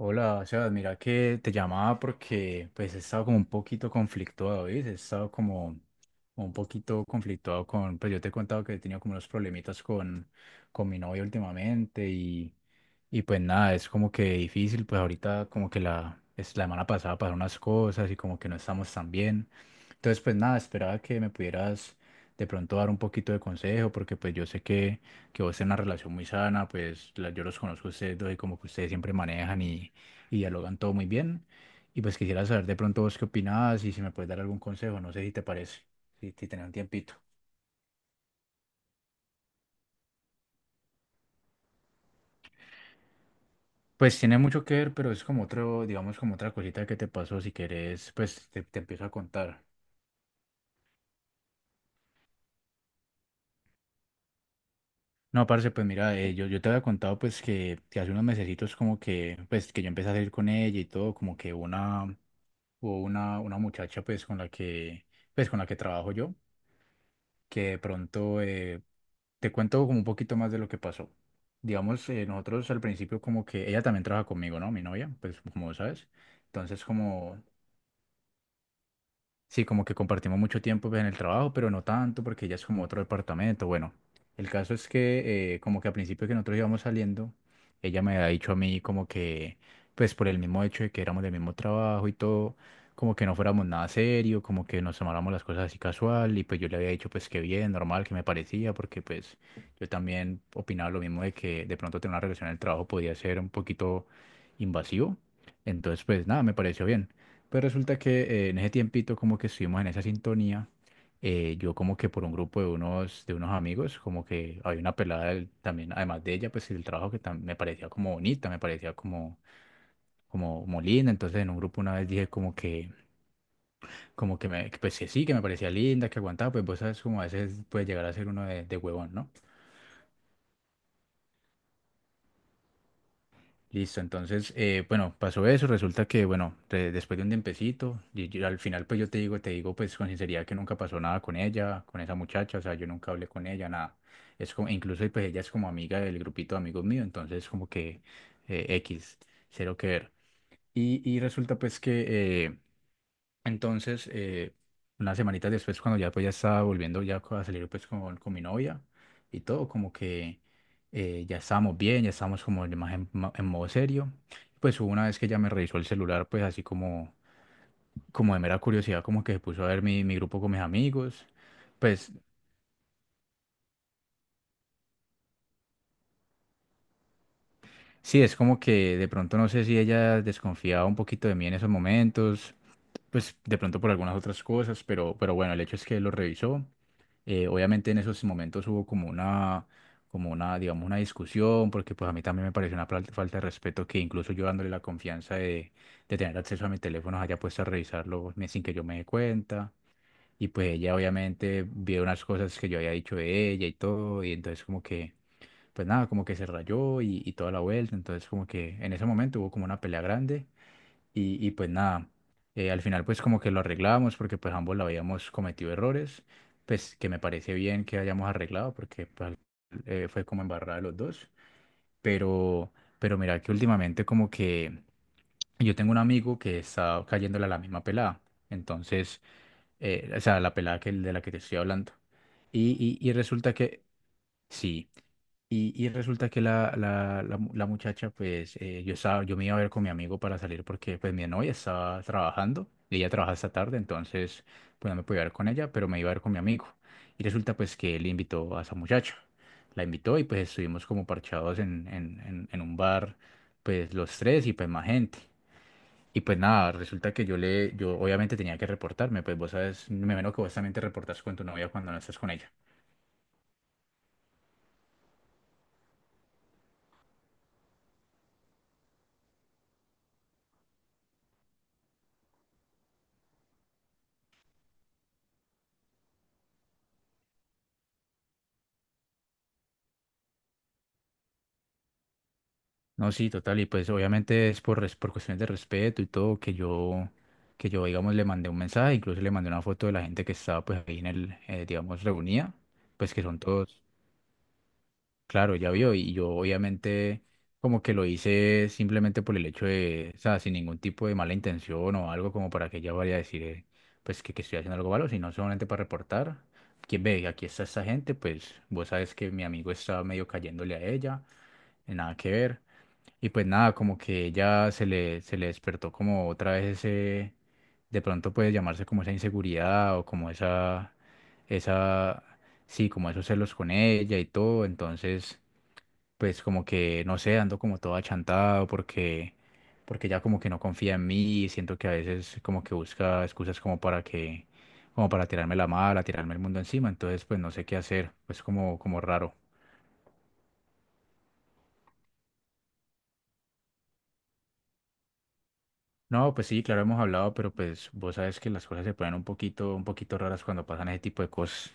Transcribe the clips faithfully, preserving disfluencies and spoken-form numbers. Hola, o sea, mira que te llamaba porque pues he estado como un poquito conflictuado, ¿ves? He estado como un poquito conflictuado con, pues yo te he contado que he tenido como unos problemitas con, con mi novia últimamente y, y pues nada, es como que difícil, pues ahorita como que la, es la semana pasada pasaron unas cosas y como que no estamos tan bien. Entonces pues nada, esperaba que me pudieras de pronto dar un poquito de consejo, porque pues yo sé que, que vos tenés una relación muy sana, pues la- yo los conozco a ustedes dos y como que ustedes siempre manejan y, y dialogan todo muy bien. Y pues quisiera saber de pronto vos qué opinás y si me puedes dar algún consejo, no sé si te parece, si, si tenés un tiempito. Pues tiene mucho que ver, pero es como otro, digamos, como otra cosita que te pasó. Si querés, pues te, te empiezo a contar. No, parce, pues mira, eh, yo, yo te había contado pues que, que hace unos mesecitos como que, pues que yo empecé a salir con ella y todo, como que una, hubo una, una muchacha pues con la que, pues con la que trabajo yo, que de pronto eh, te cuento como un poquito más de lo que pasó. Digamos, eh, nosotros al principio como que ella también trabaja conmigo, ¿no? Mi novia, pues como sabes. Entonces como Sí, como que compartimos mucho tiempo pues, en el trabajo, pero no tanto porque ella es como otro departamento. Bueno, el caso es que eh, como que al principio que nosotros íbamos saliendo, ella me había dicho a mí como que, pues por el mismo hecho de que éramos del mismo trabajo y todo, como que no fuéramos nada serio, como que nos tomáramos las cosas así casual y pues yo le había dicho pues que bien, normal, que me parecía, porque pues yo también opinaba lo mismo de que de pronto tener una relación en el trabajo podía ser un poquito invasivo. Entonces pues nada, me pareció bien. Pues resulta que eh, en ese tiempito como que estuvimos en esa sintonía, eh, yo como que por un grupo de unos, de unos amigos, como que había una pelada del- también, además de ella, pues el trabajo que tam- me parecía como bonita, me parecía como, como, como linda, entonces en un grupo una vez dije como que, como que me, que pues que sí, que me parecía linda, que aguantaba, pues vos sabes como a veces puede llegar a ser uno de, de huevón, ¿no? Listo, entonces, eh, bueno, pasó eso, resulta que, bueno, de- después de un tiempecito, y yo- al final pues yo te digo, te digo pues con sinceridad que nunca pasó nada con ella, con esa muchacha, o sea, yo nunca hablé con ella, nada. Es como, incluso pues ella es como amiga del grupito de amigos míos, entonces como que eh, X, cero que ver. Y, y resulta pues que... eh, entonces, eh, unas semanitas después, cuando ya, pues, ya estaba volviendo ya a salir pues, con, con mi novia y todo, como que eh, ya estábamos bien, ya estábamos como de más en, ma- en modo serio. Pues hubo una vez que ella me revisó el celular, pues así como, como de mera curiosidad, como que se puso a ver mi, mi grupo con mis amigos. Pues sí, es como que de pronto no sé si ella desconfiaba un poquito de mí en esos momentos pues de pronto por algunas otras cosas, pero, pero bueno, el hecho es que lo revisó. Eh, obviamente en esos momentos hubo como una, como una, digamos, una discusión, porque pues a mí también me pareció una fal- falta de respeto que incluso yo dándole la confianza de, de tener acceso a mi teléfono haya puesto a revisarlo me- sin que yo me dé cuenta. Y pues ella obviamente vio unas cosas que yo había dicho de ella y todo, y entonces como que, pues nada, como que se rayó y, y toda la vuelta. Entonces como que en ese momento hubo como una pelea grande. Y, y pues nada, eh, al final pues como que lo arreglábamos porque pues ambos la habíamos cometido errores, pues que me parece bien que hayamos arreglado porque pues, eh, fue como embarrada de los dos, pero, pero mira que últimamente como que yo tengo un amigo que está cayéndole a la misma pelada, entonces, eh, o sea, la pelada que, de la que te estoy hablando, y, y, y resulta que sí. Y, y resulta que la, la, la mu- la muchacha, pues eh, yo estaba, yo me iba a ver con mi amigo para salir porque pues mi novia estaba trabajando y ella trabaja esta tarde, entonces pues no me podía ver con ella, pero me iba a ver con mi amigo. Y resulta pues que él invitó a esa muchacha, la invitó y pues estuvimos como parchados en, en, en, en un bar, pues los tres y pues más gente. Y pues nada, resulta que yo le, yo obviamente tenía que reportarme, pues vos sabes, me imagino que vos también te reportas con tu novia cuando no estás con ella. No, sí, total, y pues obviamente es por, res- por cuestiones de respeto y todo que yo, que yo, digamos, le mandé un mensaje, incluso le mandé una foto de la gente que estaba pues ahí en el, eh, digamos, reunida, pues que son todos, claro, ya vio, y yo obviamente como que lo hice simplemente por el hecho de, o sea, sin ningún tipo de mala intención o algo como para que ella vaya a decir, eh, pues que, que estoy haciendo algo malo, sino solamente para reportar, quien ve, aquí está esta gente, pues vos sabes que mi amigo estaba medio cayéndole a ella, nada que ver. Y pues nada, como que ella se le, se le despertó como otra vez ese, de pronto puede llamarse como esa inseguridad o como esa, esa, sí, como esos celos con ella y todo. Entonces, pues como que, no sé, ando como todo achantado porque, porque ya como que no confía en mí y siento que a veces como que busca excusas como para que, como para tirarme la mala, tirarme el mundo encima. Entonces, pues no sé qué hacer, pues como, como raro. No, pues sí, claro, hemos hablado, pero pues vos sabes que las cosas se ponen un poquito, un poquito raras cuando pasan ese tipo de cosas.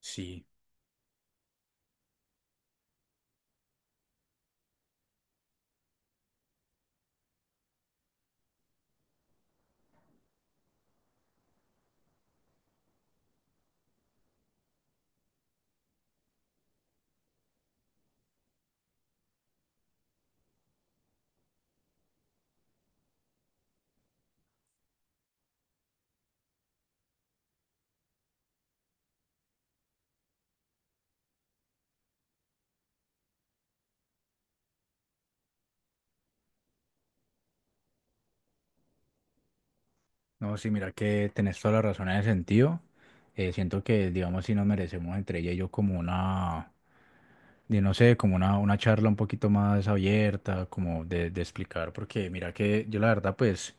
Sí, no, sí, mira que tenés toda la razón en ese sentido. Eh, siento que, digamos, si nos merecemos entre ella y yo como una, de no sé, como una, una charla un poquito más abierta, como de, de explicar, porque mira que yo la verdad, pues.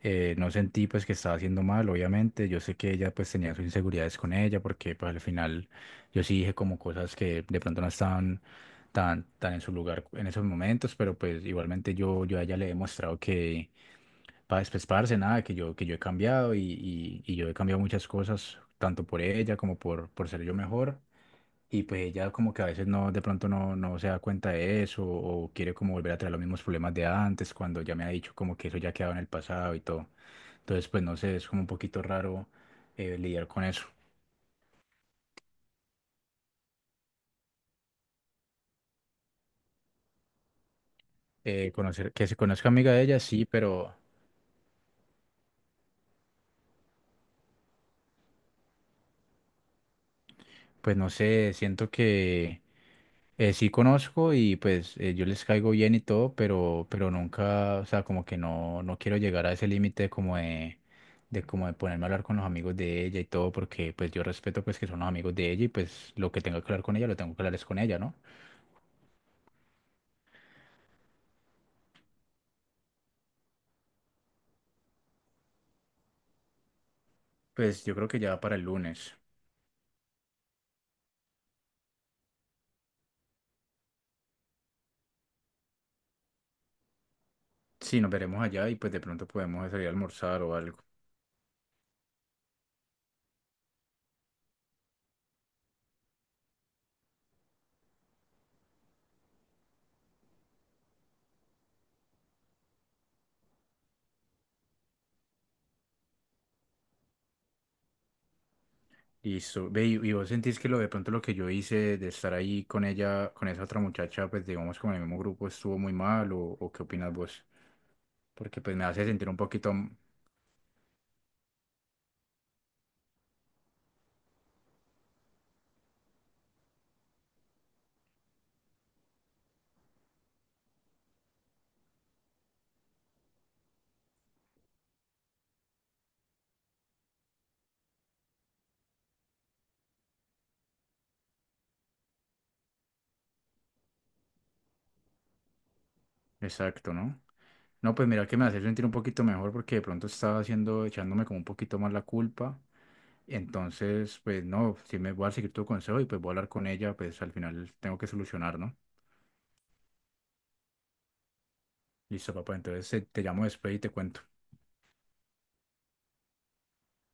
Eh, no sentí pues que estaba haciendo mal, obviamente. Yo sé que ella pues tenía sus inseguridades con ella porque pues al final yo sí dije como cosas que de pronto no estaban tan, tan en su lugar en esos momentos, pero pues igualmente yo, yo a ella le he demostrado que para despesparse nada, que yo, que yo he cambiado y, y, y yo he cambiado muchas cosas, tanto por ella como por, por ser yo mejor. Y pues ella como que a veces no, de pronto no, no se da cuenta de eso o quiere como volver a traer los mismos problemas de antes cuando ya me ha dicho como que eso ya ha quedado en el pasado y todo. Entonces, pues no sé, es como un poquito raro eh, lidiar con eso. Eh, conocer, que se conozca amiga de ella, sí, pero pues no sé, siento que eh, sí conozco y pues eh, yo les caigo bien y todo, pero, pero nunca, o sea, como que no, no quiero llegar a ese límite como de, de como de ponerme a hablar con los amigos de ella y todo, porque pues yo respeto pues que son los amigos de ella y pues lo que tenga que hablar con ella, lo tengo que hablar es con ella, ¿no? Pues yo creo que ya para el lunes. Sí, nos veremos allá y pues de pronto podemos salir a almorzar o algo. Listo. Ve, y, y vos sentís que lo de pronto lo que yo hice de estar ahí con ella, con esa otra muchacha, pues digamos como en el mismo grupo estuvo muy mal o, o qué opinas vos? Porque pues me hace sentir un poquito m- exacto, ¿no? No, pues mira que me hace sentir un poquito mejor porque de pronto estaba haciendo, echándome como un poquito más la culpa. Entonces, pues no, si me voy a seguir tu consejo y pues voy a hablar con ella, pues al final tengo que solucionar, ¿no? Listo, papá. Entonces eh, te llamo después y te cuento.